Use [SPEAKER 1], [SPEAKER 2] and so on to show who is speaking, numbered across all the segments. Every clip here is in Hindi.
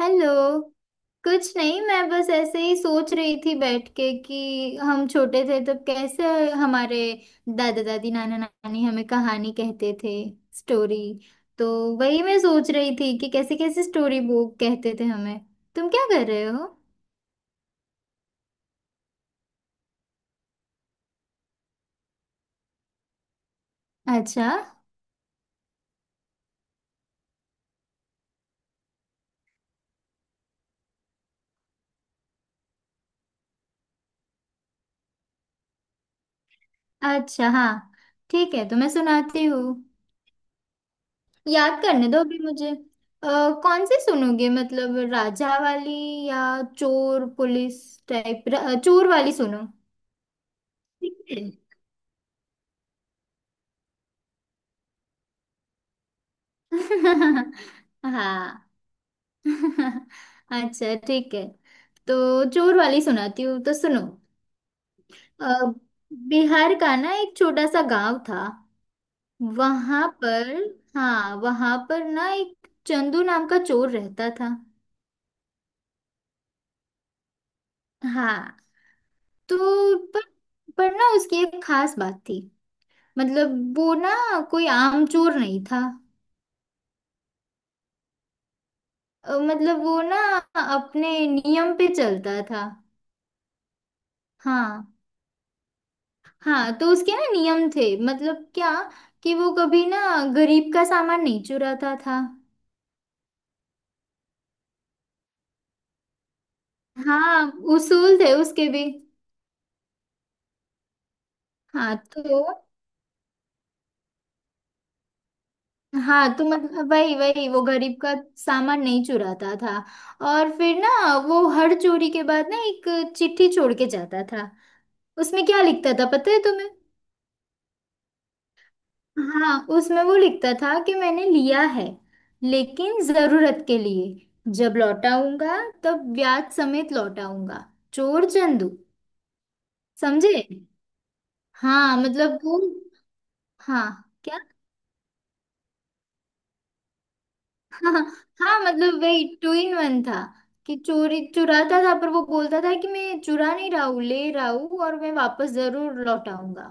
[SPEAKER 1] हेलो। कुछ नहीं, मैं बस ऐसे ही सोच रही थी बैठ के कि हम छोटे थे तब कैसे हमारे दादा दादी नाना नानी हमें कहानी कहते थे। स्टोरी। तो वही मैं सोच रही थी कि कैसे कैसे स्टोरी बुक कहते थे हमें। तुम क्या कर रहे हो? अच्छा। अच्छा हाँ, ठीक है तो मैं सुनाती हूँ। याद करने दो अभी मुझे। अ, कौन सी सुनोगे? मतलब राजा वाली या चोर पुलिस टाइप। चोर वाली सुनो। हाँ। अच्छा ठीक है। तो जोर वाली सुनाती हूँ तो सुनो। अ, बिहार का ना एक छोटा सा गांव था। वहां पर, हाँ वहां पर ना एक चंदू नाम का चोर रहता था। हाँ। तो पर, पर ना उसकी एक खास बात थी। मतलब वो ना कोई आम चोर नहीं था। मतलब वो ना अपने नियम पे चलता था। हाँ। हाँ तो उसके ना नियम थे मतलब क्या कि वो कभी ना गरीब का सामान नहीं चुराता था। हाँ, उसूल थे उसके भी। हाँ तो, हाँ तो मतलब वही वही वो गरीब का सामान नहीं चुराता था। और फिर ना वो हर चोरी के बाद ना एक चिट्ठी छोड़ के जाता था। उसमें क्या लिखता था पता है तुम्हें? हाँ, उसमें वो लिखता था कि मैंने लिया है लेकिन जरूरत के लिए, जब लौटाऊंगा तब ब्याज समेत लौटाऊंगा। चोर चंदू। समझे? हाँ मतलब वो, हाँ क्या। हाँ। हाँ मतलब वही टू इन वन था कि चोरी चुराता था पर वो बोलता था कि मैं चुरा नहीं रहा हूँ, ले रहा हूँ और मैं वापस जरूर लौटाऊंगा।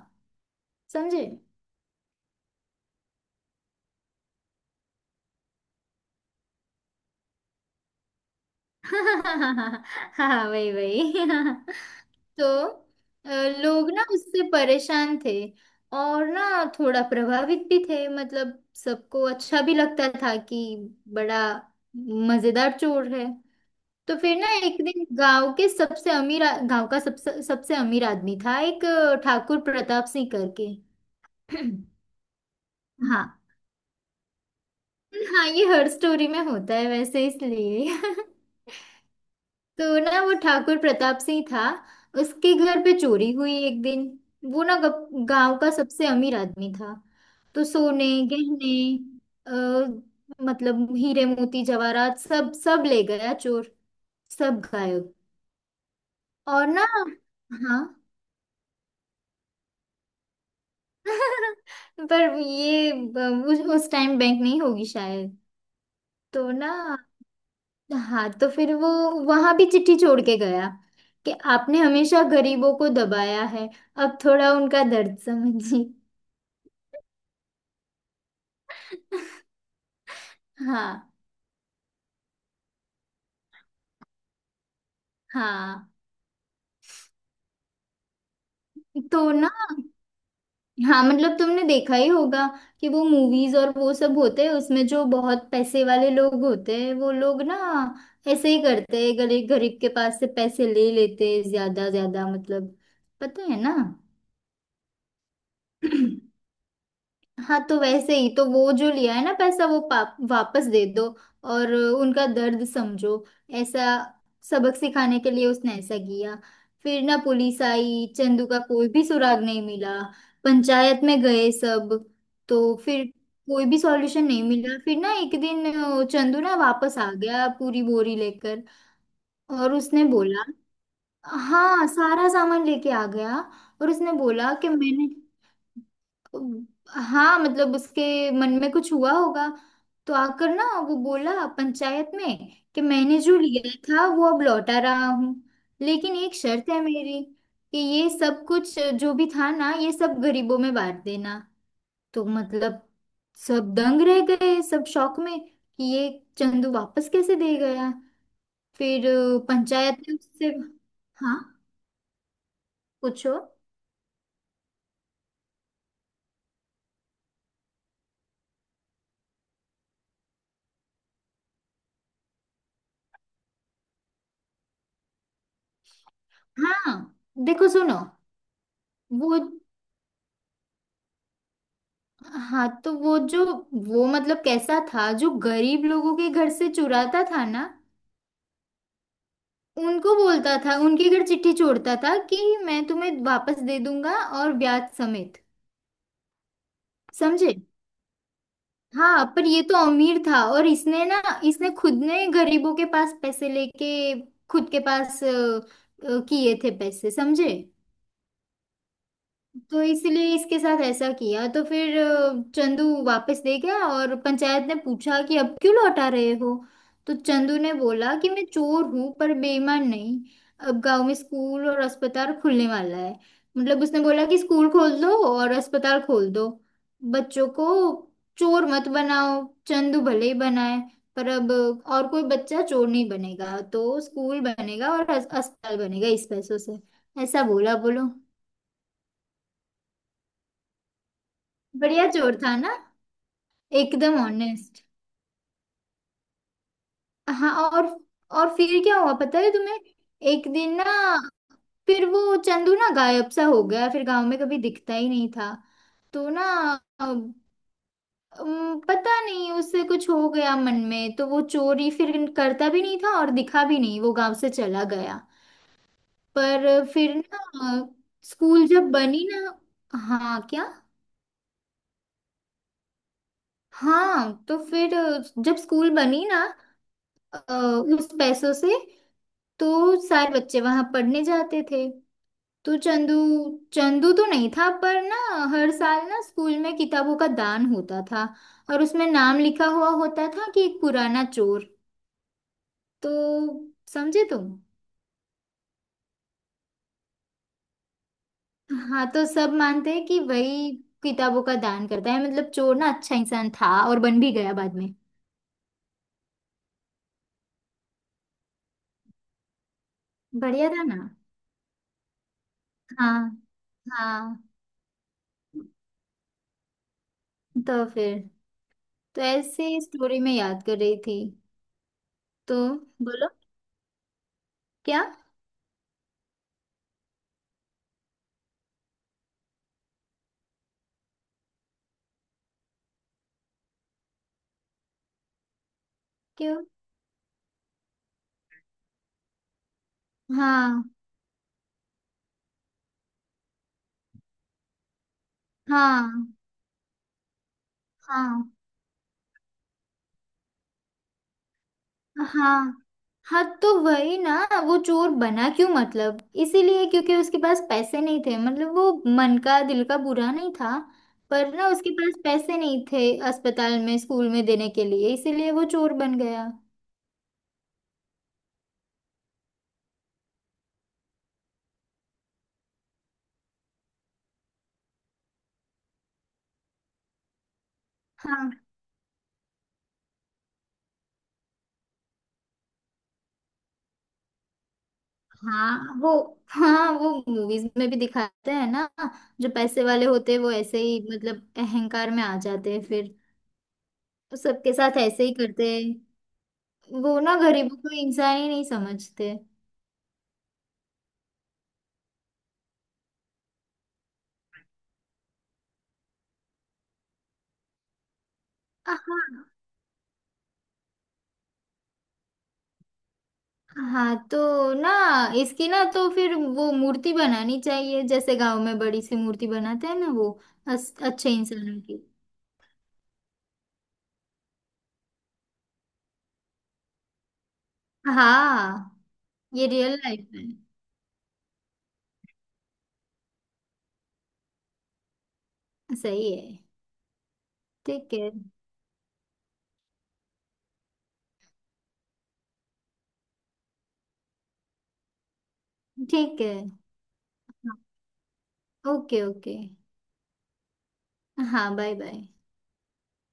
[SPEAKER 1] समझे? हाँ। हाँ वही वही। तो अ, लोग ना उससे परेशान थे और ना थोड़ा प्रभावित भी थे। मतलब सबको अच्छा भी लगता था कि बड़ा मजेदार चोर है। तो फिर ना एक दिन गांव के सबसे गांव का सबसे सबसे अमीर आदमी था एक, ठाकुर प्रताप सिंह करके। हाँ। हाँ, ये हर स्टोरी में होता है वैसे इसलिए। तो ना वो ठाकुर प्रताप सिंह था, उसके घर पे चोरी हुई एक दिन। वो ना गांव का सबसे अमीर आदमी था। तो सोने, गहने, अ, मतलब हीरे मोती जवाहरात सब, सब ले गया चोर। सब गायब। और ना हाँ। पर ये उस टाइम बैंक नहीं होगी शायद। तो ना हाँ तो फिर वो वहां भी चिट्ठी छोड़ के गया कि आपने हमेशा गरीबों को दबाया है, अब थोड़ा उनका दर्द समझिए। हाँ। हाँ तो ना, हाँ मतलब तुमने देखा ही होगा कि वो मूवीज और वो सब होते हैं उसमें जो बहुत पैसे वाले लोग होते हैं, वो लोग ना ऐसे ही करते हैं। गरीब गरीब के पास से पैसे ले लेते हैं ज्यादा ज्यादा मतलब। पता है ना। हाँ तो वैसे ही तो वो जो लिया है ना पैसा, वो पाप वापस दे दो और उनका दर्द समझो, ऐसा। सबक सिखाने के लिए उसने ऐसा किया। फिर ना पुलिस आई, चंदू का कोई भी सुराग नहीं मिला। पंचायत में गए सब। तो फिर कोई भी सॉल्यूशन नहीं मिला। फिर ना एक दिन चंदू ना वापस आ गया पूरी बोरी लेकर। और उसने बोला, हाँ सारा सामान लेके आ गया। और उसने बोला कि मैंने, हाँ मतलब उसके मन में कुछ हुआ होगा। तो आकर ना वो बोला पंचायत में कि मैंने जो लिया था वो अब लौटा रहा हूँ लेकिन एक शर्त है मेरी कि ये सब कुछ जो भी था ना, ये सब गरीबों में बांट देना। तो मतलब सब दंग रह गए, सब शौक में कि ये चंदू वापस कैसे दे गया। फिर पंचायत ने उससे, हाँ पूछो। हाँ देखो सुनो, वो हाँ तो वो जो, वो मतलब कैसा था, जो गरीब लोगों के घर से चुराता था ना उनको बोलता था, उनके घर चिट्ठी छोड़ता था कि मैं तुम्हें वापस दे दूंगा और ब्याज समेत। समझे? हाँ, पर ये तो अमीर था और इसने ना इसने खुद ने गरीबों के पास पैसे लेके खुद के पास किए थे पैसे। समझे? तो इसलिए इसके साथ ऐसा किया। तो फिर चंदू वापस ले गया और पंचायत ने पूछा कि अब क्यों लौटा रहे हो। तो चंदू ने बोला कि मैं चोर हूं पर बेईमान नहीं। अब गांव में स्कूल और अस्पताल खुलने वाला है। मतलब उसने बोला कि स्कूल खोल दो और अस्पताल खोल दो, बच्चों को चोर मत बनाओ। चंदू भले ही बनाए पर अब और कोई बच्चा चोर नहीं बनेगा। तो स्कूल बनेगा और अस्पताल बनेगा इस पैसों से, ऐसा बोला बोलो। बढ़िया चोर था ना, एकदम ऑनेस्ट। हाँ और फिर क्या हुआ पता है तुम्हें? एक दिन ना फिर वो चंदू ना गायब सा हो गया, फिर गांव में कभी दिखता ही नहीं था। तो ना अम, अम, पता नहीं उससे कुछ हो गया मन में तो वो चोरी फिर करता भी नहीं था और दिखा भी नहीं, वो गांव से चला गया। पर फिर ना स्कूल जब बनी ना, हाँ क्या। हाँ तो फिर जब स्कूल बनी ना, अ, उस पैसों से, तो सारे बच्चे वहां पढ़ने जाते थे। तो चंदू, चंदू तो नहीं था पर ना हर साल ना स्कूल में किताबों का दान होता था और उसमें नाम लिखा हुआ होता था कि एक पुराना चोर। तो समझे तुम? हाँ, तो सब मानते हैं कि वही किताबों का दान करता है। मतलब चोर ना अच्छा इंसान था और बन भी गया बाद में। बढ़िया था ना। हाँ। हाँ तो फिर तो ऐसे स्टोरी में याद कर रही थी। तो बोलो क्या क्यों हाँ हाँ हाँ हाँ। हाँ तो वही ना, वो चोर बना क्यों मतलब इसीलिए क्योंकि उसके पास पैसे नहीं थे। मतलब वो मन का दिल का बुरा नहीं था पर ना उसके पास पैसे नहीं थे अस्पताल में स्कूल में देने के लिए, इसीलिए वो चोर बन गया। हाँ हाँ वो, हाँ वो मूवीज में भी दिखाते हैं ना जो पैसे वाले होते हैं वो ऐसे ही मतलब अहंकार में आ जाते हैं फिर। वो सबके साथ ऐसे ही करते हैं। वो ना गरीबों को इंसान ही नहीं समझते। हाँ तो ना इसकी ना तो फिर वो मूर्ति बनानी चाहिए, जैसे गांव में बड़ी सी मूर्ति बनाते हैं ना वो अच्छे इंसानों की। हाँ ये रियल लाइफ है। सही है। ठीक है। ठीक है। Okay okay. हाँ बाय बाय।